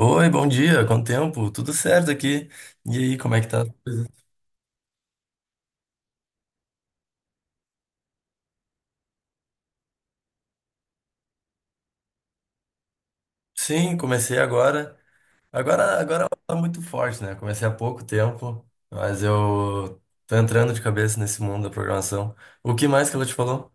Oi, bom dia, quanto tempo? Tudo certo aqui. E aí, como é que tá as coisas? Sim, comecei agora. Agora tá muito forte, né? Comecei há pouco tempo, mas eu tô entrando de cabeça nesse mundo da programação. O que mais que ela te falou?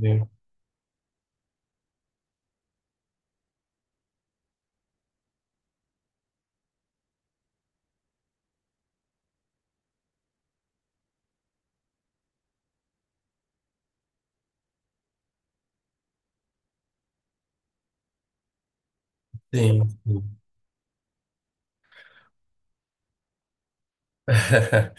Sim. Sim.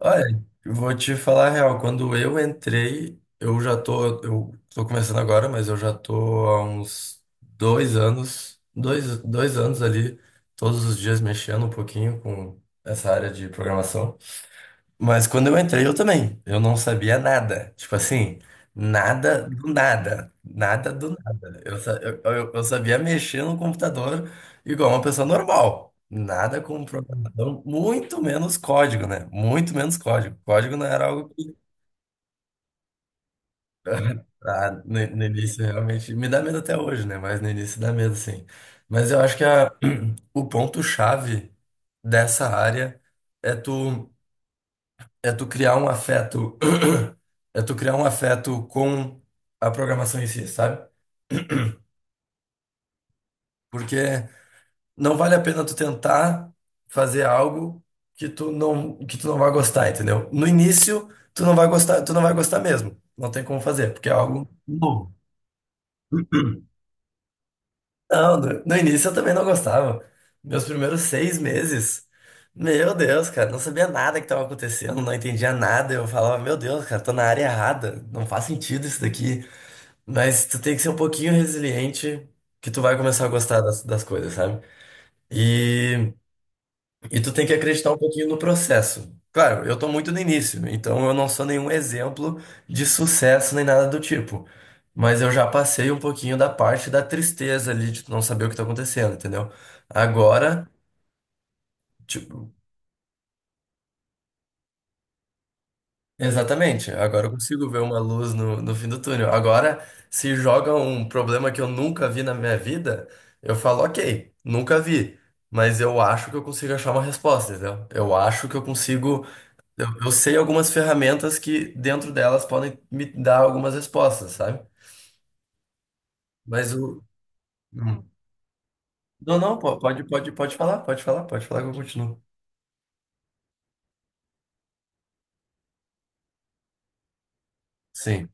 Olha, vou te falar a real. Quando eu entrei, eu já tô. Eu tô começando agora, mas eu já tô há uns 2 anos, dois anos ali, todos os dias mexendo um pouquinho com essa área de programação. Mas quando eu entrei, eu também. Eu não sabia nada. Tipo assim, nada do nada. Nada do nada. Eu, sa- eu sabia mexer no computador igual uma pessoa normal. Nada com programação, muito menos código, né? Muito menos código. Código não era algo que. No início realmente me dá medo até hoje, né? Mas no início dá medo, sim. Mas eu acho que o ponto-chave dessa área é tu. É tu criar um afeto, é tu criar um afeto com a programação em si, sabe? Porque não vale a pena tu tentar fazer algo que tu não vai gostar, entendeu? No início, tu não vai gostar, tu não vai gostar mesmo. Não tem como fazer, porque é algo novo. Não, no início eu também não gostava. Meus primeiros 6 meses, meu Deus, cara, não sabia nada que estava acontecendo, não entendia nada. Eu falava, meu Deus, cara, tô na área errada, não faz sentido isso daqui. Mas tu tem que ser um pouquinho resiliente que tu vai começar a gostar das coisas, sabe? E, e tu tem que acreditar um pouquinho no processo. Claro, eu tô muito no início, então eu não sou nenhum exemplo de sucesso nem nada do tipo. Mas eu já passei um pouquinho da parte da tristeza ali de tu não saber o que tá acontecendo, entendeu? Agora, ti- exatamente. Agora eu consigo ver uma luz no fim do túnel. Agora, se joga um problema que eu nunca vi na minha vida, eu falo, ok, nunca vi. Mas eu acho que eu consigo achar uma resposta, entendeu? Eu acho que eu consigo. Eu sei algumas ferramentas que dentro delas podem me dar algumas respostas, sabe? Mas o. Hum. Não, não, pode falar que eu continuo. Sim.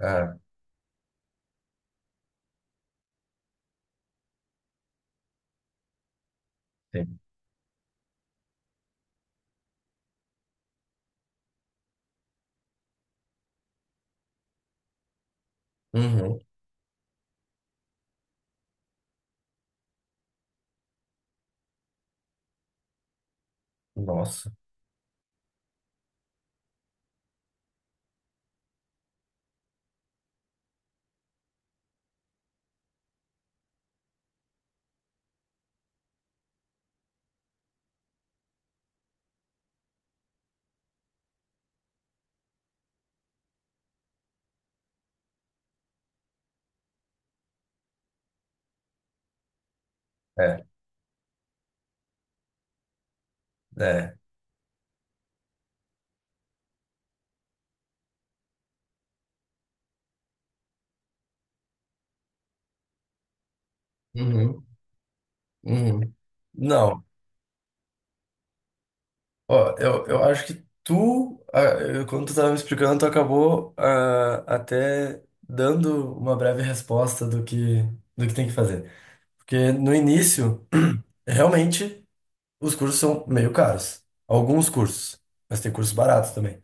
Ah, sim. Uhum. Nossa. É, é. Uhum. Uhum. Não. Ó, eu acho que quando tu tava me explicando, tu acabou até dando uma breve resposta do que, tem que fazer. Porque no início, realmente, os cursos são meio caros. Alguns cursos, mas tem cursos baratos também.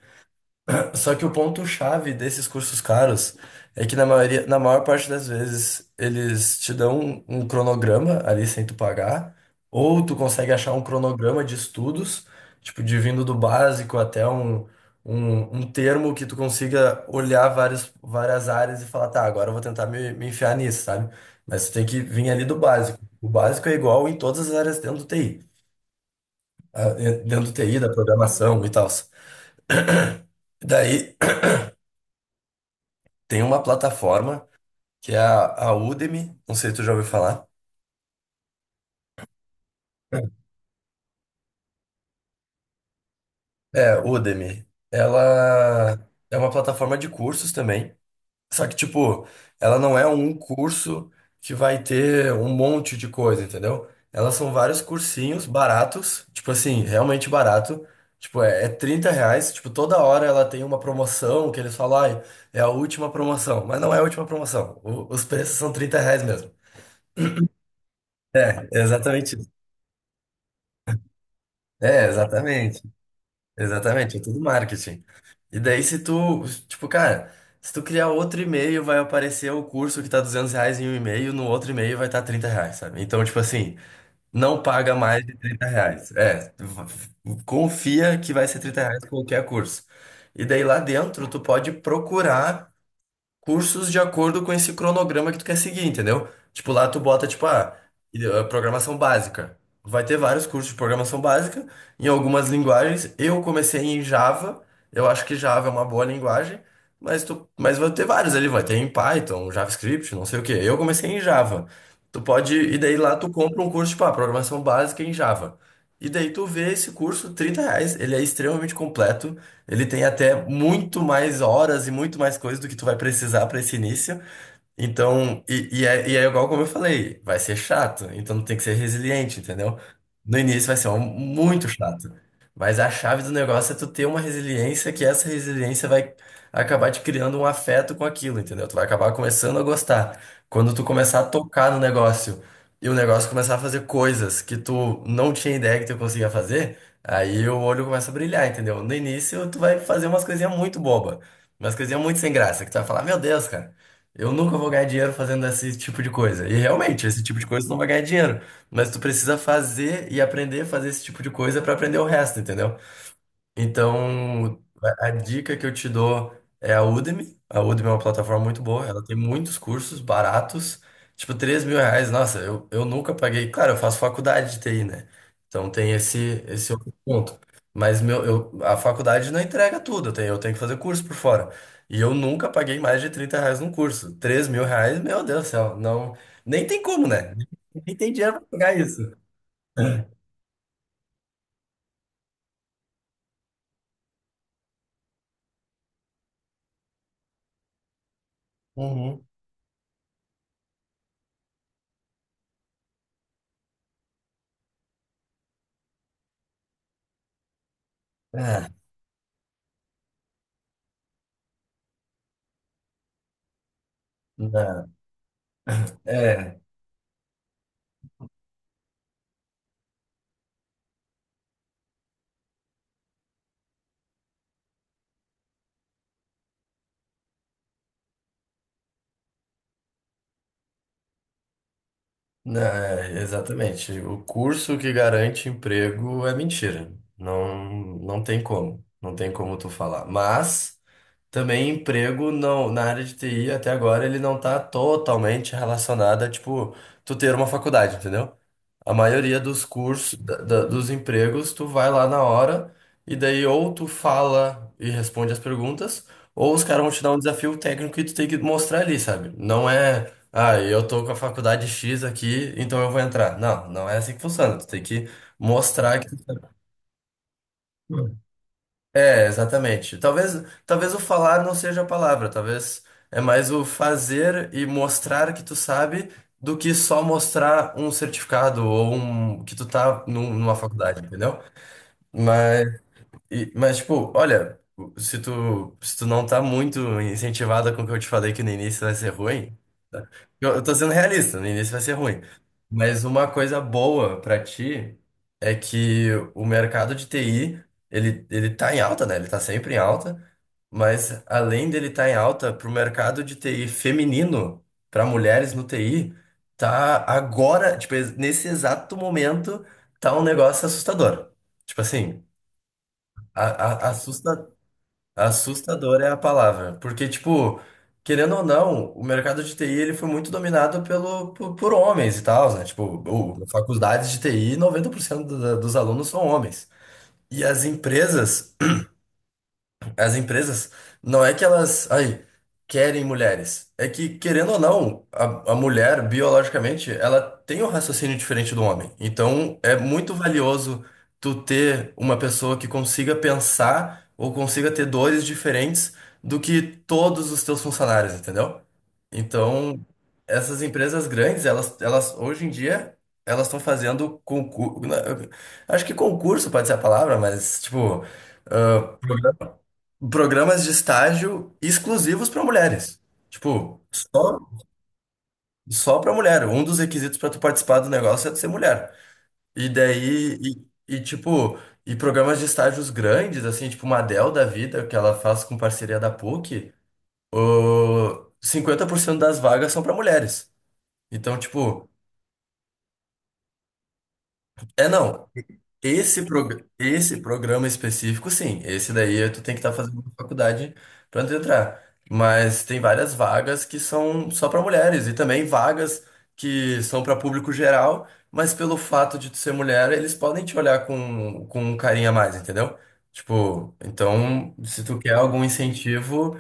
Só que o ponto-chave desses cursos caros é que na maioria, na maior parte das vezes eles te dão um, cronograma ali sem tu pagar, ou tu consegue achar um cronograma de estudos, tipo, de vindo do básico até um termo que tu consiga olhar várias, várias áreas e falar, tá, agora eu vou tentar me enfiar nisso, sabe? Mas tu tem que vir ali do básico. O básico é igual em todas as áreas dentro do TI, da programação e tal. Daí tem uma plataforma que é a Udemy, não sei se tu já ouviu falar. É, Udemy. Ela é uma plataforma de cursos também. Só que, tipo, ela não é um curso que vai ter um monte de coisa, entendeu? Elas são vários cursinhos baratos, tipo assim, realmente barato. Tipo, é R$ 30. Tipo, toda hora ela tem uma promoção que eles falam, ai, é a última promoção. Mas não é a última promoção. Os preços são R$ 30 mesmo. É, exatamente isso. É, exatamente. Exatamente, é tudo marketing. E daí se tu, tipo, cara, se tu criar outro e-mail, vai aparecer o curso que tá R$ 200 em um e-mail, no outro e-mail vai estar tá R$ 30, sabe? Então, tipo assim, não paga mais de R$ 30. É, confia que vai ser R$ 30 qualquer curso. E daí lá dentro, tu pode procurar cursos de acordo com esse cronograma que tu quer seguir, entendeu? Tipo, lá tu bota, tipo, programação básica. Vai ter vários cursos de programação básica em algumas linguagens. Eu comecei em Java, eu acho que Java é uma boa linguagem, mas vai ter vários ali, vai ter em Python, JavaScript, não sei o quê. Eu comecei em Java. Tu pode, e daí lá tu compra um curso, tipo, programação básica em Java. E daí tu vê esse curso, R$ 30, ele é extremamente completo, ele tem até muito mais horas e muito mais coisas do que tu vai precisar para esse início. Então, e é igual como eu falei, vai ser chato, então tem que ser resiliente, entendeu? No início vai ser muito chato, mas a chave do negócio é tu ter uma resiliência que essa resiliência vai acabar te criando um afeto com aquilo, entendeu? Tu vai acabar começando a gostar. Quando tu começar a tocar no negócio e o negócio começar a fazer coisas que tu não tinha ideia que tu conseguia fazer, aí o olho começa a brilhar, entendeu? No início tu vai fazer umas coisinhas muito sem graça, que tu vai falar, meu Deus, cara. Eu nunca vou ganhar dinheiro fazendo esse tipo de coisa. E realmente, esse tipo de coisa tu não vai ganhar dinheiro. Mas tu precisa fazer e aprender a fazer esse tipo de coisa pra aprender o resto, entendeu? Então, a dica que eu te dou é a Udemy. A Udemy é uma plataforma muito boa, ela tem muitos cursos baratos, tipo R$ 3.000. Nossa, eu nunca paguei. Claro, eu faço faculdade de TI, né? Então tem esse outro ponto. Mas meu, eu, a faculdade não entrega tudo, eu tenho que fazer curso por fora. E eu nunca paguei mais de R$ 30 num curso. R$ 3.000, meu Deus do céu, não, nem tem como, né? Nem tem dinheiro pra pagar isso. Uhum. Ah, não. É. Não, é, exatamente. O curso que garante emprego é mentira. Não, não tem como. Não tem como tu falar. Mas também emprego não, na área de TI até agora ele não tá totalmente relacionado a, tipo, tu ter uma faculdade, entendeu? A maioria dos cursos, dos empregos, tu vai lá na hora e daí ou tu fala e responde as perguntas, ou os caras vão te dar um desafio técnico e tu tem que mostrar ali, sabe? Não é, ah, eu tô com a faculdade X aqui, então eu vou entrar. Não, não é assim que funciona. Tu tem que mostrar que é, exatamente. Talvez o falar não seja a palavra, talvez é mais o fazer e mostrar que tu sabe do que só mostrar um certificado ou um, que tu tá numa faculdade, entendeu? Mas mas, tipo, olha, se tu não tá muito incentivada com o que eu te falei que no início vai ser ruim, tá? Eu tô sendo realista, no início vai ser ruim. Mas uma coisa boa pra ti é que o mercado de TI, ele tá em alta, né? Ele tá sempre em alta, mas além dele tá em alta, pro mercado de TI feminino, pra mulheres no TI, tá agora, tipo, nesse exato momento, tá um negócio assustador. Tipo assim. A- a- assusta- assustadora é a palavra, porque, tipo, querendo ou não, o mercado de TI ele foi muito dominado por homens e tal, né? Tipo, faculdades de TI, 90% dos alunos são homens. E as empresas, não é que elas, ai querem mulheres. É que, querendo ou não, a mulher, biologicamente, ela tem um raciocínio diferente do homem. Então, é muito valioso tu ter uma pessoa que consiga pensar ou consiga ter dores diferentes do que todos os teus funcionários, entendeu? Então, essas empresas grandes, elas hoje em dia, elas estão fazendo concurso. Acho que concurso pode ser a palavra, mas, tipo programas de estágio exclusivos para mulheres. Tipo, só para mulher. Um dos requisitos para tu participar do negócio é tu ser mulher. E daí, tipo, e programas de estágios grandes, assim, tipo uma Dell da vida, que ela faz com parceria da PUC, o 50% das vagas são para mulheres. Então, tipo, é não. Esse programa específico, sim. Esse daí tu tem que estar fazendo faculdade para entrar. Mas tem várias vagas que são só para mulheres e também vagas que são para público geral, mas pelo fato de tu ser mulher, eles podem te olhar com, um carinho a mais, entendeu? Tipo, então, se tu quer algum incentivo,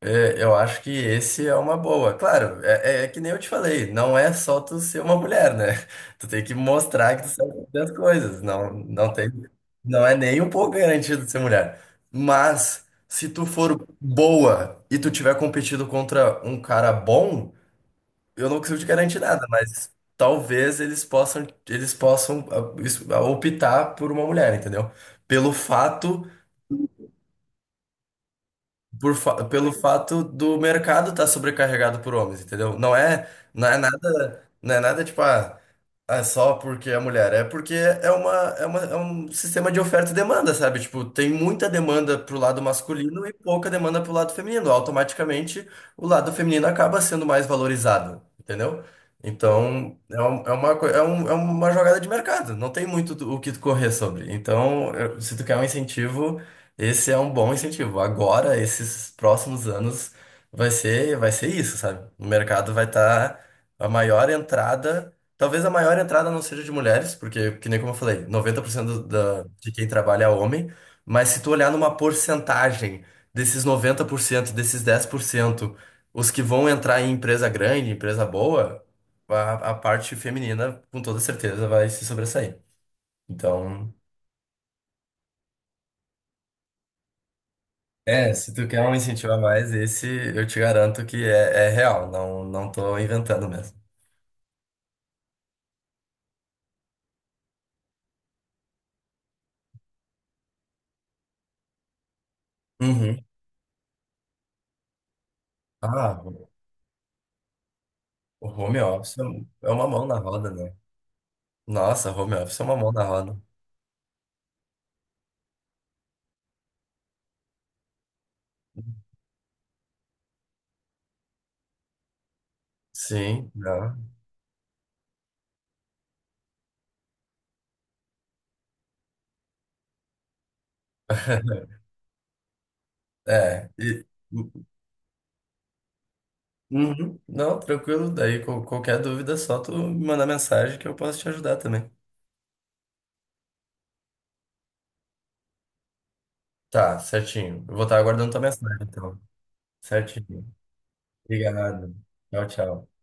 é, eu acho que esse é uma boa. Claro, é, é que nem eu te falei, não é só tu ser uma mulher, né? Tu tem que mostrar que tu sabe fazer as coisas. Não, não tem, não é nem um pouco garantido ser mulher. Mas se tu for boa e tu tiver competido contra um cara bom, eu não consigo te garantir nada, mas talvez eles possam optar por uma mulher, entendeu? Pelo fato pelo fato do mercado estar sobrecarregado por homens, entendeu? Não é nada tipo, é só porque é mulher, é porque é um sistema de oferta e demanda, sabe? Tipo, tem muita demanda pro lado masculino e pouca demanda pro lado feminino. Automaticamente, o lado feminino acaba sendo mais valorizado, entendeu? Então, é, um- é uma, coi- é, um- é uma jogada de mercado, não tem muito o que tu correr sobre. Então, se tu quer um incentivo. Esse é um bom incentivo. Agora, esses próximos anos, vai ser isso, sabe? O mercado vai estar a maior entrada. Talvez a maior entrada não seja de mulheres, porque, que nem como eu falei, 90% da, de quem trabalha é homem. Mas se tu olhar numa porcentagem desses 90% desses 10% os que vão entrar em empresa grande, empresa boa, a parte feminina, com toda certeza, vai se sobressair. Então. É, se tu quer um incentivo a mais, esse eu te garanto que é real, não, não tô inventando mesmo. Uhum. Ah, o home office é uma mão na roda, né? Nossa, home office é uma mão na roda. Sim, não. É, Uhum. Não, tranquilo, daí qualquer dúvida é só tu me mandar mensagem que eu posso te ajudar também. Tá, certinho. Eu vou estar aguardando tua mensagem, então. Certinho. Obrigado. Tchau, tchau.